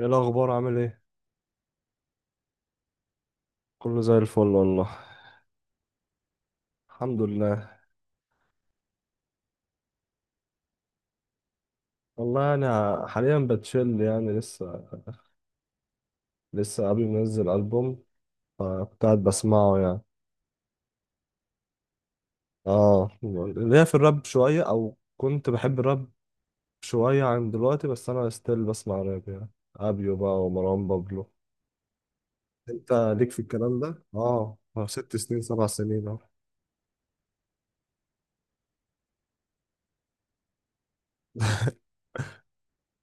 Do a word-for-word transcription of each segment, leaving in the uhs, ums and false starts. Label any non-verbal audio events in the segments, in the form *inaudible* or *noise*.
ايه الاخبار عامل ايه؟ كله زي الفل والله. الحمد لله. والله انا حاليا بتشيل، يعني لسه لسه قبل ما انزل البوم، فكنت قاعد بسمعه يعني. اه، ليا في الراب شويه، او كنت بحب الراب شويه عن دلوقتي، بس انا ستيل بسمع راب يعني، ابيو بقى ومروان بابلو. انت ليك في الكلام ده؟ اه آه، ست سنين سبع سنين اهو.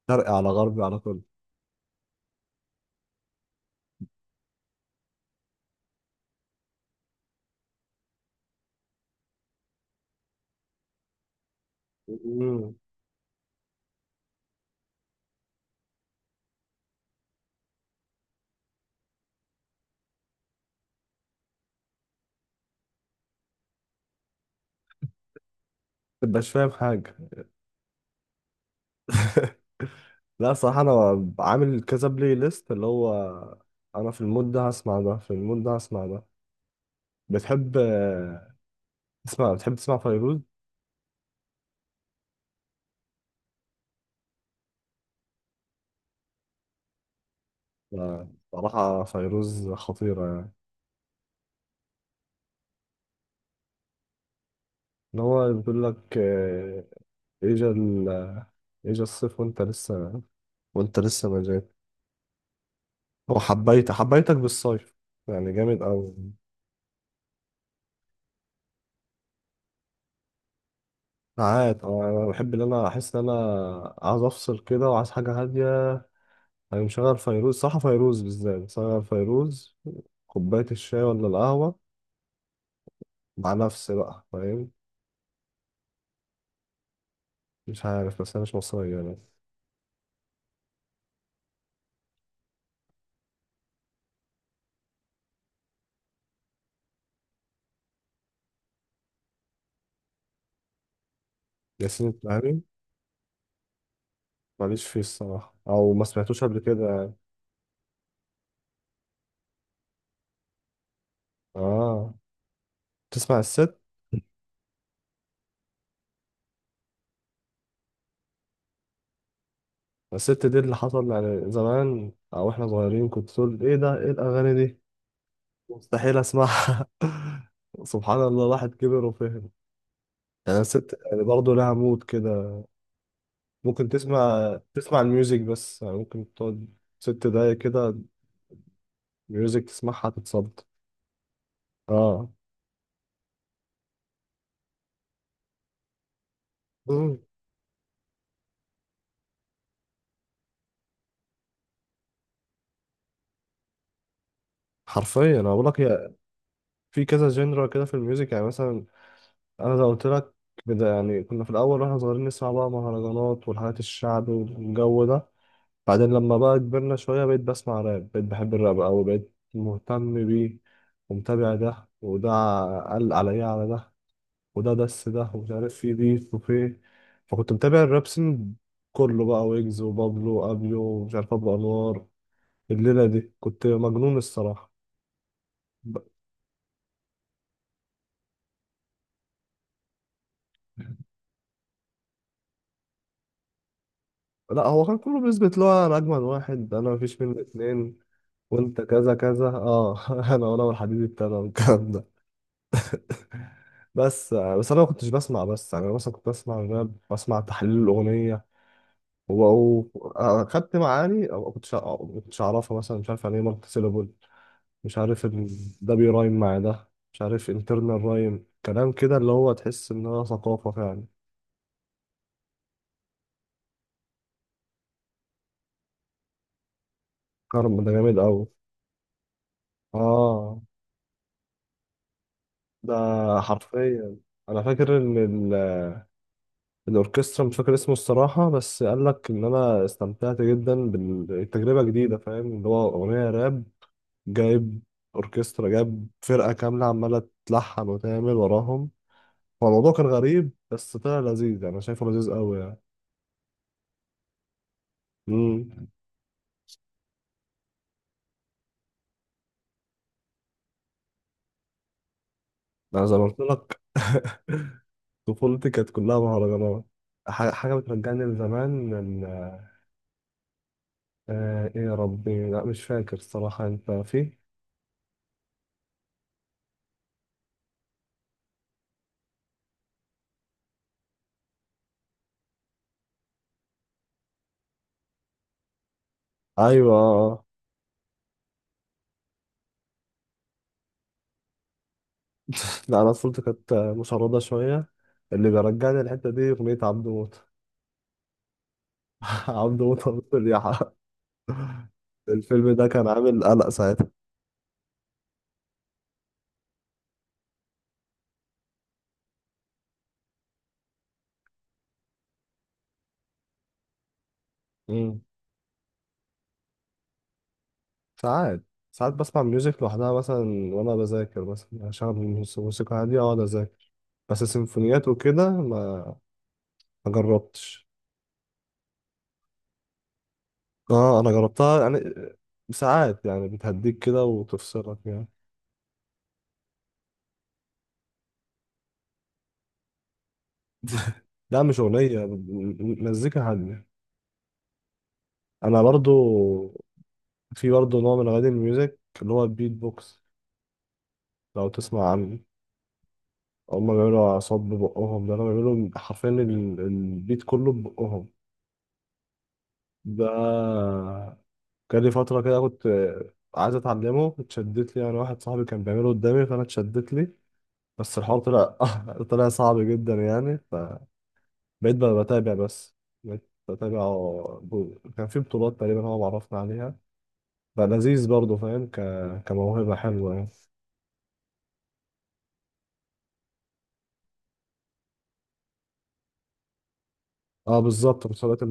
شرقي على غربي على كله. مم. متبقاش فاهم حاجه. *laughs* لا صراحة أنا عامل كذا بلاي ليست، اللي هو أنا في المود ده هسمع ده، في المود ده هسمع ده. بتحب آه، تسمع، بتحب تسمع فيروز؟ لا، صراحة فيروز خطيرة يعني. اللي هو بيقول لك آه، إجا ال إجا الصيف وأنت لسه وأنت لسه ما جيت. هو حبيت حبيتك بالصيف، يعني جامد أوي. ساعات أنا بحب إن أنا أحس إن أنا عايز أفصل كده، وعايز حاجة هادية. أنا مشغل فيروز، صح، فيروز بالذات مشغل فيروز، كوباية الشاي ولا القهوة، مع نفسي بقى، فاهم. مش عارف، بس أنا مش مصري يعني. ياسين الفهمي، ماليش فيه الصراحة، أو ما سمعتوش قبل كده يعني. آه، تسمع الست؟ الست دي اللي حصل يعني زمان، أو إحنا صغيرين كنت تقول إيه ده، إيه الأغاني دي، مستحيل أسمعها. *laughs* سبحان الله، الواحد كبر وفهم يعني. الست يعني برضه لها مود كده. ممكن تسمع، تسمع الميوزك بس، يعني ممكن تقعد ست دقايق كده ميوزك تسمعها تتصد. اه. مم. حرفيا انا بقول لك، هي في كذا جنرا كده في الميوزك يعني. مثلا انا لو قلت لك، بدا يعني كنا في الاول واحنا صغيرين نسمع بقى مهرجانات والحاجات الشعب والجو ده. بعدين لما بقى كبرنا شويه بقيت بسمع راب، بقيت بحب الراب قوي، بقيت مهتم بيه، ومتابع ده وده، قال عليا على ده، وده دس ده، ومش عارف في بيف وفي. فكنت متابع الراب سين، كله بقى، ويجز وبابلو وابيو ومش عارف ابو انوار الليلة دي، كنت مجنون الصراحة. ب... لا هو كان كله بيثبت له أنا أجمل واحد، أنا مفيش مني اتنين، وأنت كذا كذا أه. *laughs* أنا وأنا والحديد ابتدى والكلام ده. بس بس أنا ما كنتش بسمع، بس يعني أنا مثلا كنت بسمع الراب، بسمع تحليل الأغنية، و- و- أخدت معاني أو ما كنتش ما كنتش أعرفها، مثلا مش عارف يعني إيه مالتي سيلابول، مش عارف إن ده بيرايم مع ده، مش عارف انترنال رايم، كلام كده اللي هو تحس إن هو ثقافة فعلا. كرم ده جامد أوي. آه ده، حرفيا انا فاكر ان ال- الاوركسترا، مش فاكر اسمه الصراحه، بس قال لك ان انا استمتعت جدا بالتجربه جديده، فاهم، اللي هو اغنيه راب، جايب اوركسترا، جايب فرقه كامله عماله تلحن وتعمل وراهم. هو الموضوع كان غريب بس طلع لذيذ، يعني انا شايفه لذيذ قوي يعني. امم، انا زي ما قلت لك. *laughs* طفولتي كانت كلها مهرجانات. ح- حاجه بترجعني لزمان ال- آه ايه يا ربي، لا مش فاكر الصراحه انت فيه. ايوه آه، آه. لا انا طفولتي كانت مشردة شوية. اللي بيرجعني الحتة دي اغنية عبد موت. *laughs* عبد موت ونص اليحة، الفيلم ده كان عامل قلق ساعتها. مم. ساعات ساعات بسمع ميوزك لوحدها مثلا وانا بذاكر، مثلا اشغل موس- موسيقى هادية واقعد اذاكر، بس سيمفونيات وكده ما، ما جربتش. اه انا جربتها يعني، ساعات يعني بتهديك كده وتفصلك يعني. *laughs* لا مش أغنية، م- م- مزيكا هادية. أنا برضو، في برضه نوع من أغاني الميوزك اللي هو البيت بوكس، لو تسمع عنه، هما بيعملوا أعصاب ببقهم، ده أنا بيعملوا حرفيا ال- البيت كله ببقهم. ده كان لي فترة كده كنت عايز أتعلمه، اتشدت لي يعني، واحد صاحبي كان بيعمله قدامي فأنا اتشدت لي، بس الحوار طلع *laughs* طلع صعب جدا يعني، فبقيت بقى بتابع بس، بقيت بتابع. ب- كان في بطولات تقريبا هو معرفنا عليها، بقى لذيذ برضه فاهم، ك... كموهبة حلوة يعني. اه بالظبط مسابقات.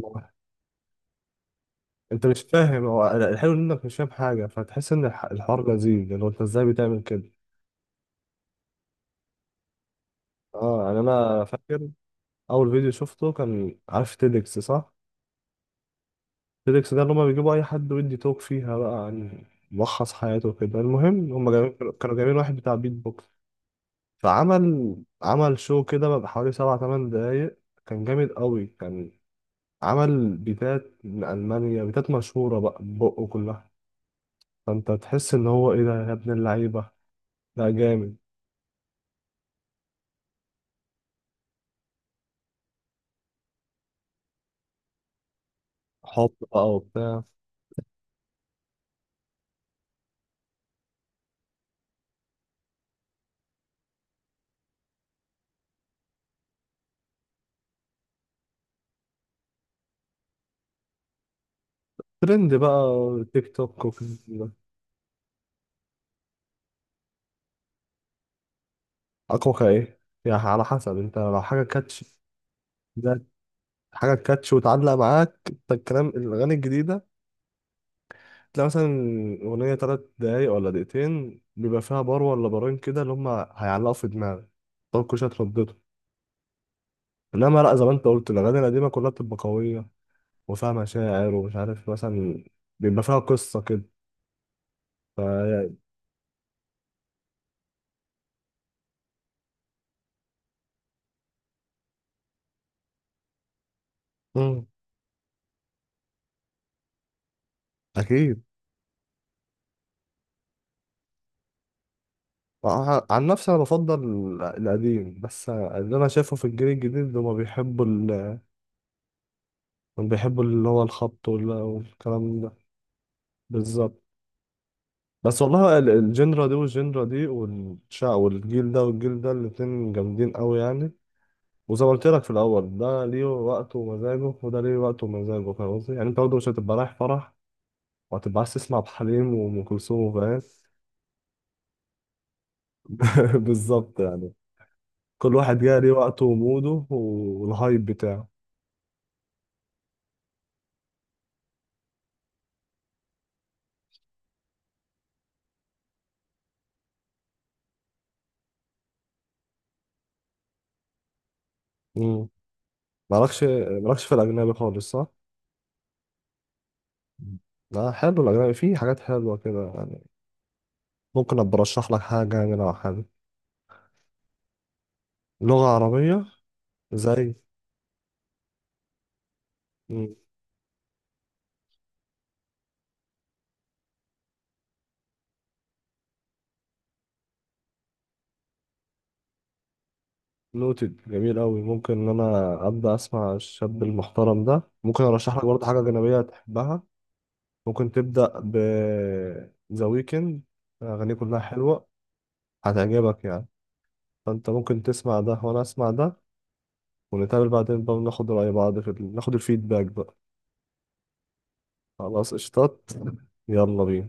انت مش فاهم، هو الحلو انك مش فاهم حاجه، فتحس ان الح- الحوار لذيذ، لان هو انت ازاي بتعمل كده. اه يعني انا فاكر اول فيديو شفته، كان عارف تيدكس؟ صح، تيدكس ده اللي هما بيجيبوا اي حد ويدي توك فيها بقى عن ملخص حياته كده، المهم هما جايبين، كانوا جايبين واحد بتاع بيت بوكس، فعمل، عمل شو كده بقى حوالي سبع تمن دقايق، كان جامد قوي، كان عمل بيتات من المانيا، بيتات مشهوره بقى بقه كلها. فانت تحس ان هو ايه ده يا ابن اللعيبه، لا جامد. حب بقى وبتاع. ترند بقى، تيك توك وكده. اكوكا ايه يعني، على حسب، انت لو حاجه كاتش، ده حاجه كاتش وتعلق معاك انت الكلام، الاغاني الجديده تلاقي مثلا اغنيه تلات دقايق ولا دقيقتين بيبقى فيها بار ولا بارين كده اللي هم هيعلقوا في دماغك، طب كل شويه تردده. انما لا زي ما انت قلت، الاغاني القديمه كلها بتبقى قويه، وفيها مشاعر ومش عارف، مثلا بيبقى فيها قصه كده. امم. اكيد. ع- عن نفسي انا بفضل القديم، بس اللي انا شايفه في الجيل الجديد هما بيحبوا ال... هما بيحبوا اللي هو الخبط وال- والكلام ده. بالظبط. بس والله ال- الجنرا دي والجنرا دي، والشع والجيل ده والجيل ده، الاتنين جامدين قوي يعني. وزي ما قلت لك في الاول، ده ليه وقته ومزاجه وده ليه وقته ومزاجه، فاهم قصدي يعني، انت برضه مش هتبقى رايح فرح وهتبقى عايز تسمع ابو حليم وام كلثوم، فاهم. *laughs* بالظبط يعني. كل واحد جاي ليه وقته وموده والهايب بتاعه. مالكش مالكش في الأجنبي خالص صح؟ مم. لا حلو الأجنبي، فيه حاجات حلوة كده يعني. ممكن أبقى أرشح لك حاجة يعني لو حابب، لغة عربية زي. نوتد، جميل أوي، ممكن إن أنا أبدأ أسمع الشاب المحترم ده، ممكن أرشح لك برضه حاجة أجنبية تحبها. ممكن تبدأ ب ذا ويكند، أغانيه كلها حلوة، هتعجبك يعني، فأنت ممكن تسمع ده وأنا أسمع ده، ونتقابل بعدين بقى وناخد رأي بعض في ال... ناخد الفيدباك بقى. خلاص قشطات، يلا بينا.